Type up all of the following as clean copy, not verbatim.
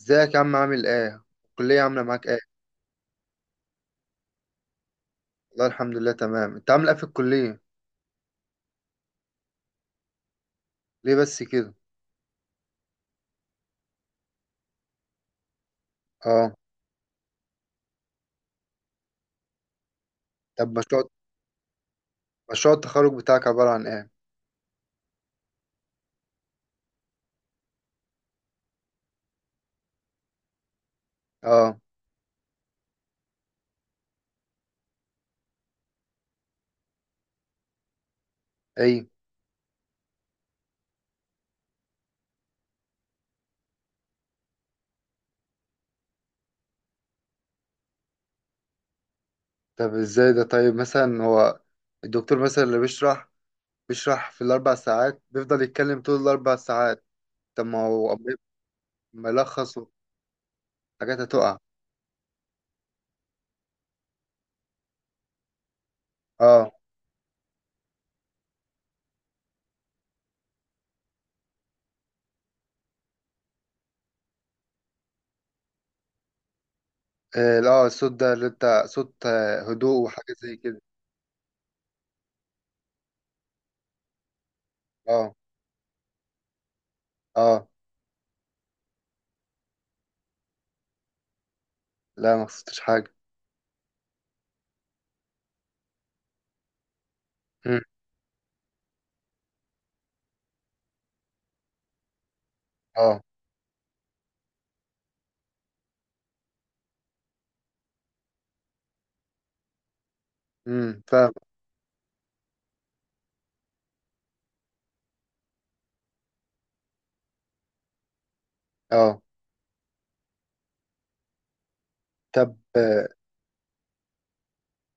ازيك يا عم، عامل ايه؟ الكلية عاملة معاك ايه؟ والله الحمد لله تمام، انت عامل ايه في الكلية؟ ليه بس كده؟ اه. طب مشروع التخرج بتاعك عبارة عن ايه؟ اه. ايه. طب ازاي ده؟ طيب مثلا هو الدكتور مثلا اللي بيشرح في 4 ساعات بيفضل يتكلم طول 4 ساعات؟ طب ما هو ملخص وحاجات هتقع. اه. إيه، لا الصوت ده اللي انت صوت هدوء وحاجات زي كده. اه. اه. لا ما قصدتش حاجة. مم. اه. فاهم. اه. طب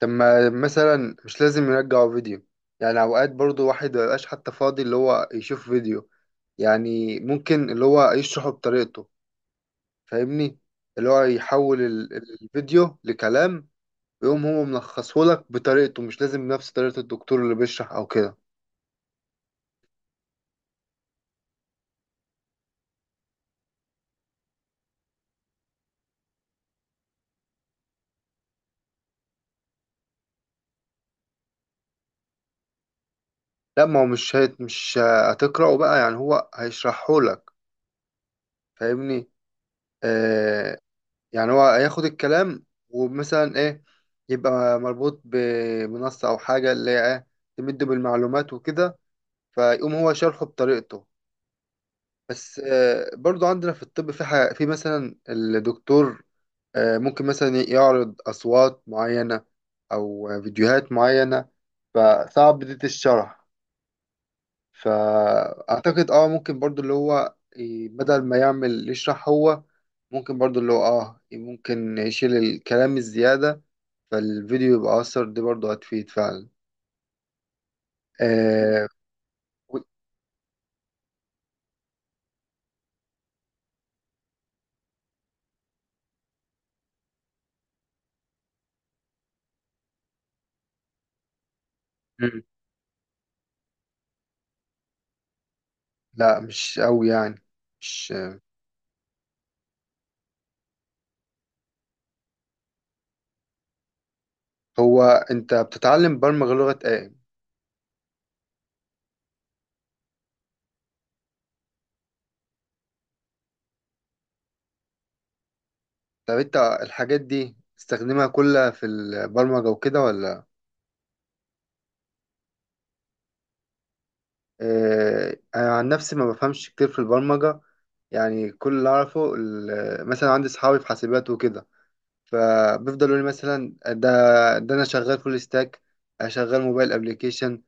طب ما مثلا مش لازم يرجعوا فيديو؟ يعني اوقات برضو واحد مبيبقاش حتى فاضي اللي هو يشوف فيديو. يعني ممكن اللي هو يشرحه بطريقته، فاهمني؟ اللي هو يحول الفيديو لكلام، ويقوم هو ملخصهولك بطريقته، مش لازم نفس طريقة الدكتور اللي بيشرح او كده. لا ما هو مش هتقرأه بقى، يعني هو هيشرحهولك، فاهمني؟ آه، يعني هو هياخد الكلام ومثلا ايه، يبقى مربوط بمنصة او حاجة اللي هي ايه، تمده بالمعلومات وكده، فيقوم هو شرحه بطريقته. بس برضو عندنا في الطب في حاجة، في مثلا الدكتور ممكن مثلا يعرض أصوات معينة أو فيديوهات معينة، فصعب دي الشرح. فأعتقد اه ممكن برضو اللي هو بدل ما يعمل يشرح هو، ممكن برضو اللي هو اه ممكن يشيل الكلام الزيادة، فالفيديو يبقى أثر دي برضو هتفيد فعلا. مم. آه. و... مم. لا مش أوي يعني، مش. هو أنت بتتعلم برمجة لغة إيه؟ طب أنت الحاجات دي تستخدمها كلها في البرمجة وكده ولا؟ آه، أنا عن نفسي ما بفهمش كتير في البرمجة. يعني كل اللي أعرفه مثلا عندي صحابي في حاسبات وكده، فبيفضلوا يقولوا لي مثلا ده، انا شغال فول ستاك، شغال موبايل ابلكيشن،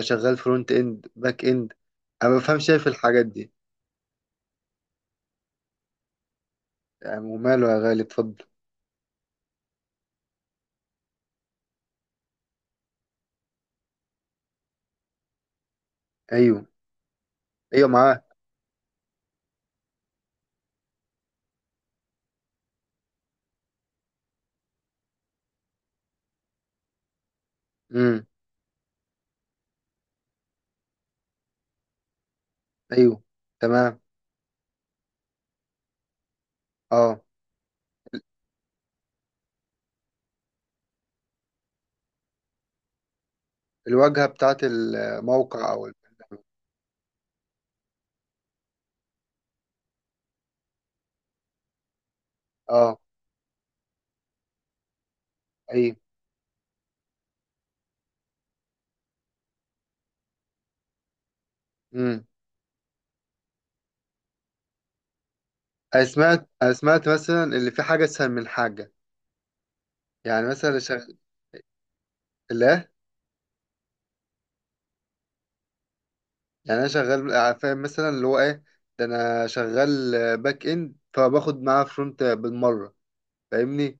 شغال فرونت اند باك اند، انا ما بفهمش إيه في الحاجات دي. يعني وماله يا غالي، اتفضل. ايوه. ايوه معاه. امم. ايوه. تمام. اه. الواجهه بتاعت الموقع او البرنامج. اه. ايوه. امم. انا سمعت، مثلا اللي في حاجه اسهل من حاجه. يعني مثلا اللي شغال، يعني انا شغال فاهم مثلا اللي هو ايه، ده انا شغال باك اند فباخد معاه فرونت بالمره، فاهمني؟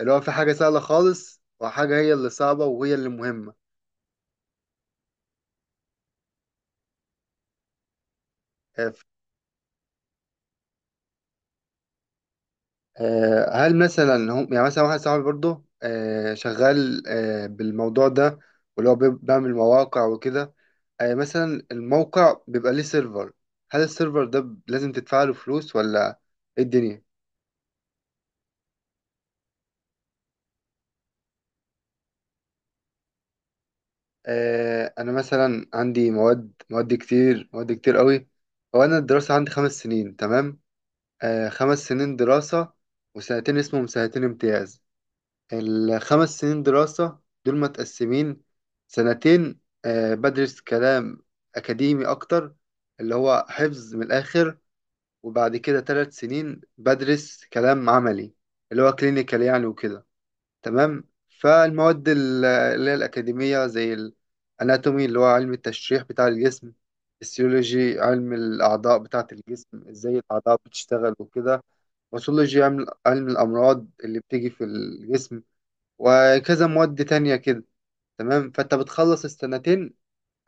اللي هو في حاجه سهله خالص وحاجه هي اللي صعبه وهي اللي مهمه. آه، ف- هل مثلا هم، يعني مثلا واحد صاحبي برضه شغال بالموضوع ده، واللي هو بيعمل مواقع وكده، مثلا الموقع بيبقى ليه سيرفر، هل السيرفر ده لازم تدفع له فلوس ولا، ايه الدنيا؟ انا مثلا عندي مواد، مواد كتير قوي. هو انا الدراسه عندي 5 سنين، تمام؟ 5 سنين دراسه، وسنتين اسمهم سنتين امتياز. الـ5 سنين دراسه دول متقسمين، سنتين بدرس كلام اكاديمي اكتر، اللي هو حفظ من الاخر، وبعد كده 3 سنين بدرس كلام عملي، اللي هو كلينيكال يعني وكده، تمام؟ فالمواد اللي هي الأكاديمية زي الأناتومي، اللي هو علم التشريح بتاع الجسم، السيولوجي علم الأعضاء بتاعة الجسم إزاي الأعضاء بتشتغل وكده، باثولوجي علم الأمراض اللي بتيجي في الجسم، وكذا مواد تانية كده، تمام. فأنت بتخلص الـسنتين،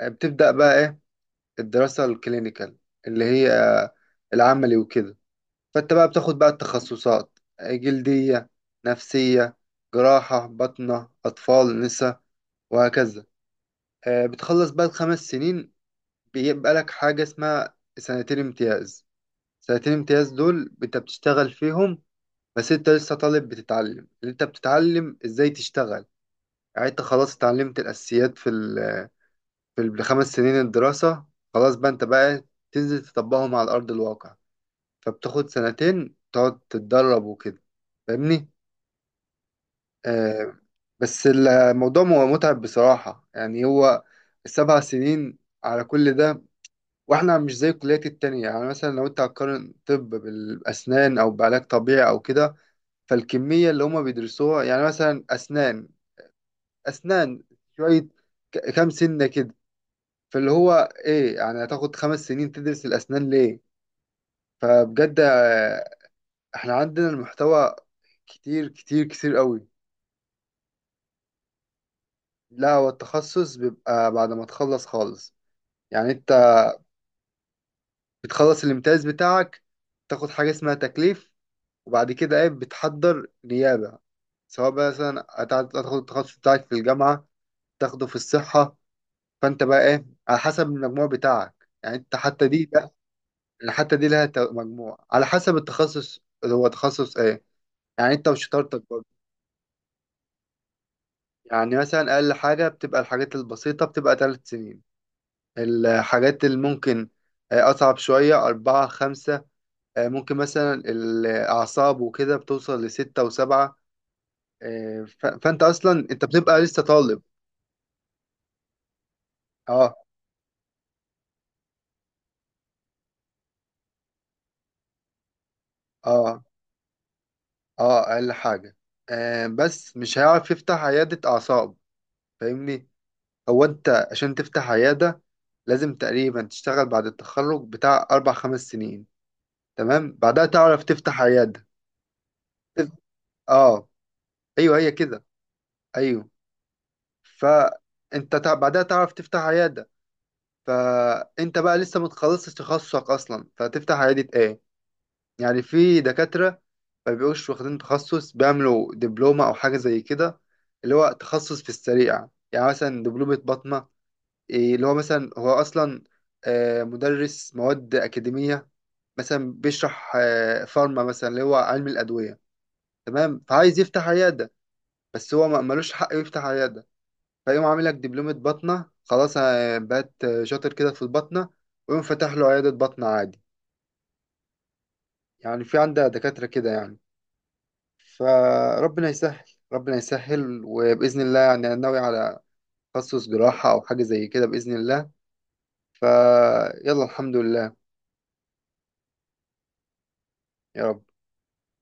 بتبدأ بقى إيه، الدراسة الكلينيكال، اللي هي العملي وكده. فانت بقى بتاخد بقى التخصصات: جلدية، نفسية، جراحة، بطنة، أطفال، نساء، وهكذا. بتخلص بقى الـ5 سنين، بيبقى لك حاجة اسمها سنتين امتياز. سنتين امتياز دول انت بتشتغل فيهم، بس انت لسه طالب بتتعلم اللي انت بتتعلم ازاي تشتغل. يعني انت خلاص اتعلمت الأساسيات في في الـ5 سنين الدراسة، خلاص بقى انت بقى تنزل تطبقهم على أرض الواقع. فبتاخد سنتين تقعد تتدرب وكده، فاهمني؟ آه. بس الموضوع متعب بصراحة، يعني هو الـ7 سنين على كل ده، واحنا مش زي الكليات التانية. يعني مثلا لو انت هتقارن طب بالأسنان أو بعلاج طبيعي أو كده، فالكمية اللي هما بيدرسوها، يعني مثلا أسنان، أسنان شوية، كام سنة كده، فاللي هو ايه، يعني هتاخد 5 سنين تدرس الأسنان ليه؟ فبجد احنا عندنا المحتوى كتير كتير كتير قوي. لا هو التخصص بيبقى بعد ما تخلص خالص. يعني انت بتخلص الامتياز بتاعك، تاخد حاجة اسمها تكليف، وبعد كده ايه بتحضر نيابة، سواء بقى مثلا هتاخد التخصص بتاعك في الجامعة، تاخده في الصحة. فانت بقى ايه على حسب المجموع بتاعك، يعني انت حتى دي بقى، يعني حتى دي لها مجموع على حسب التخصص اللي هو تخصص ايه، يعني انت وشطارتك برضه. يعني مثلا اقل حاجة بتبقى الحاجات البسيطة بتبقى 3 سنين، الحاجات اللي ممكن أصعب شوية 4 5، ممكن مثلا الأعصاب وكده بتوصل لـ6 و7. فأنت أصلا أنت بتبقى لسه طالب. أه. أه. أه أقل حاجة، بس مش هيعرف يفتح عيادة أعصاب، فاهمني؟ هو أنت عشان تفتح عيادة لازم تقريبا تشتغل بعد التخرج بتاع 4 5 سنين، تمام، بعدها تعرف تفتح عيادة. أه. أيوه هي كده. أيوه. فانت بعدها تعرف تفتح عياده، فانت بقى لسه ما تخلصتش تخصصك اصلا، فتفتح عياده ايه؟ يعني في دكاتره ما بيبقوش واخدين تخصص، بيعملوا دبلومه او حاجه زي كده، اللي هو تخصص في السريع. يعني مثلا دبلومه باطنه، إيه اللي هو مثلا هو اصلا مدرس مواد اكاديميه، مثلا بيشرح فارما مثلا اللي هو علم الادويه، تمام، فعايز يفتح عياده، بس هو ملوش حق يفتح عياده، فيقوم عامل لك دبلومة بطنة، خلاص بقت شاطر كده في البطنة، ويقوم فاتح له عيادة بطنة عادي. يعني في عندها دكاترة كده يعني، فربنا يسهل. ربنا يسهل، وبإذن الله يعني أنا ناوي على تخصص جراحة أو حاجة زي كده بإذن الله. فيلا الحمد لله. يا رب.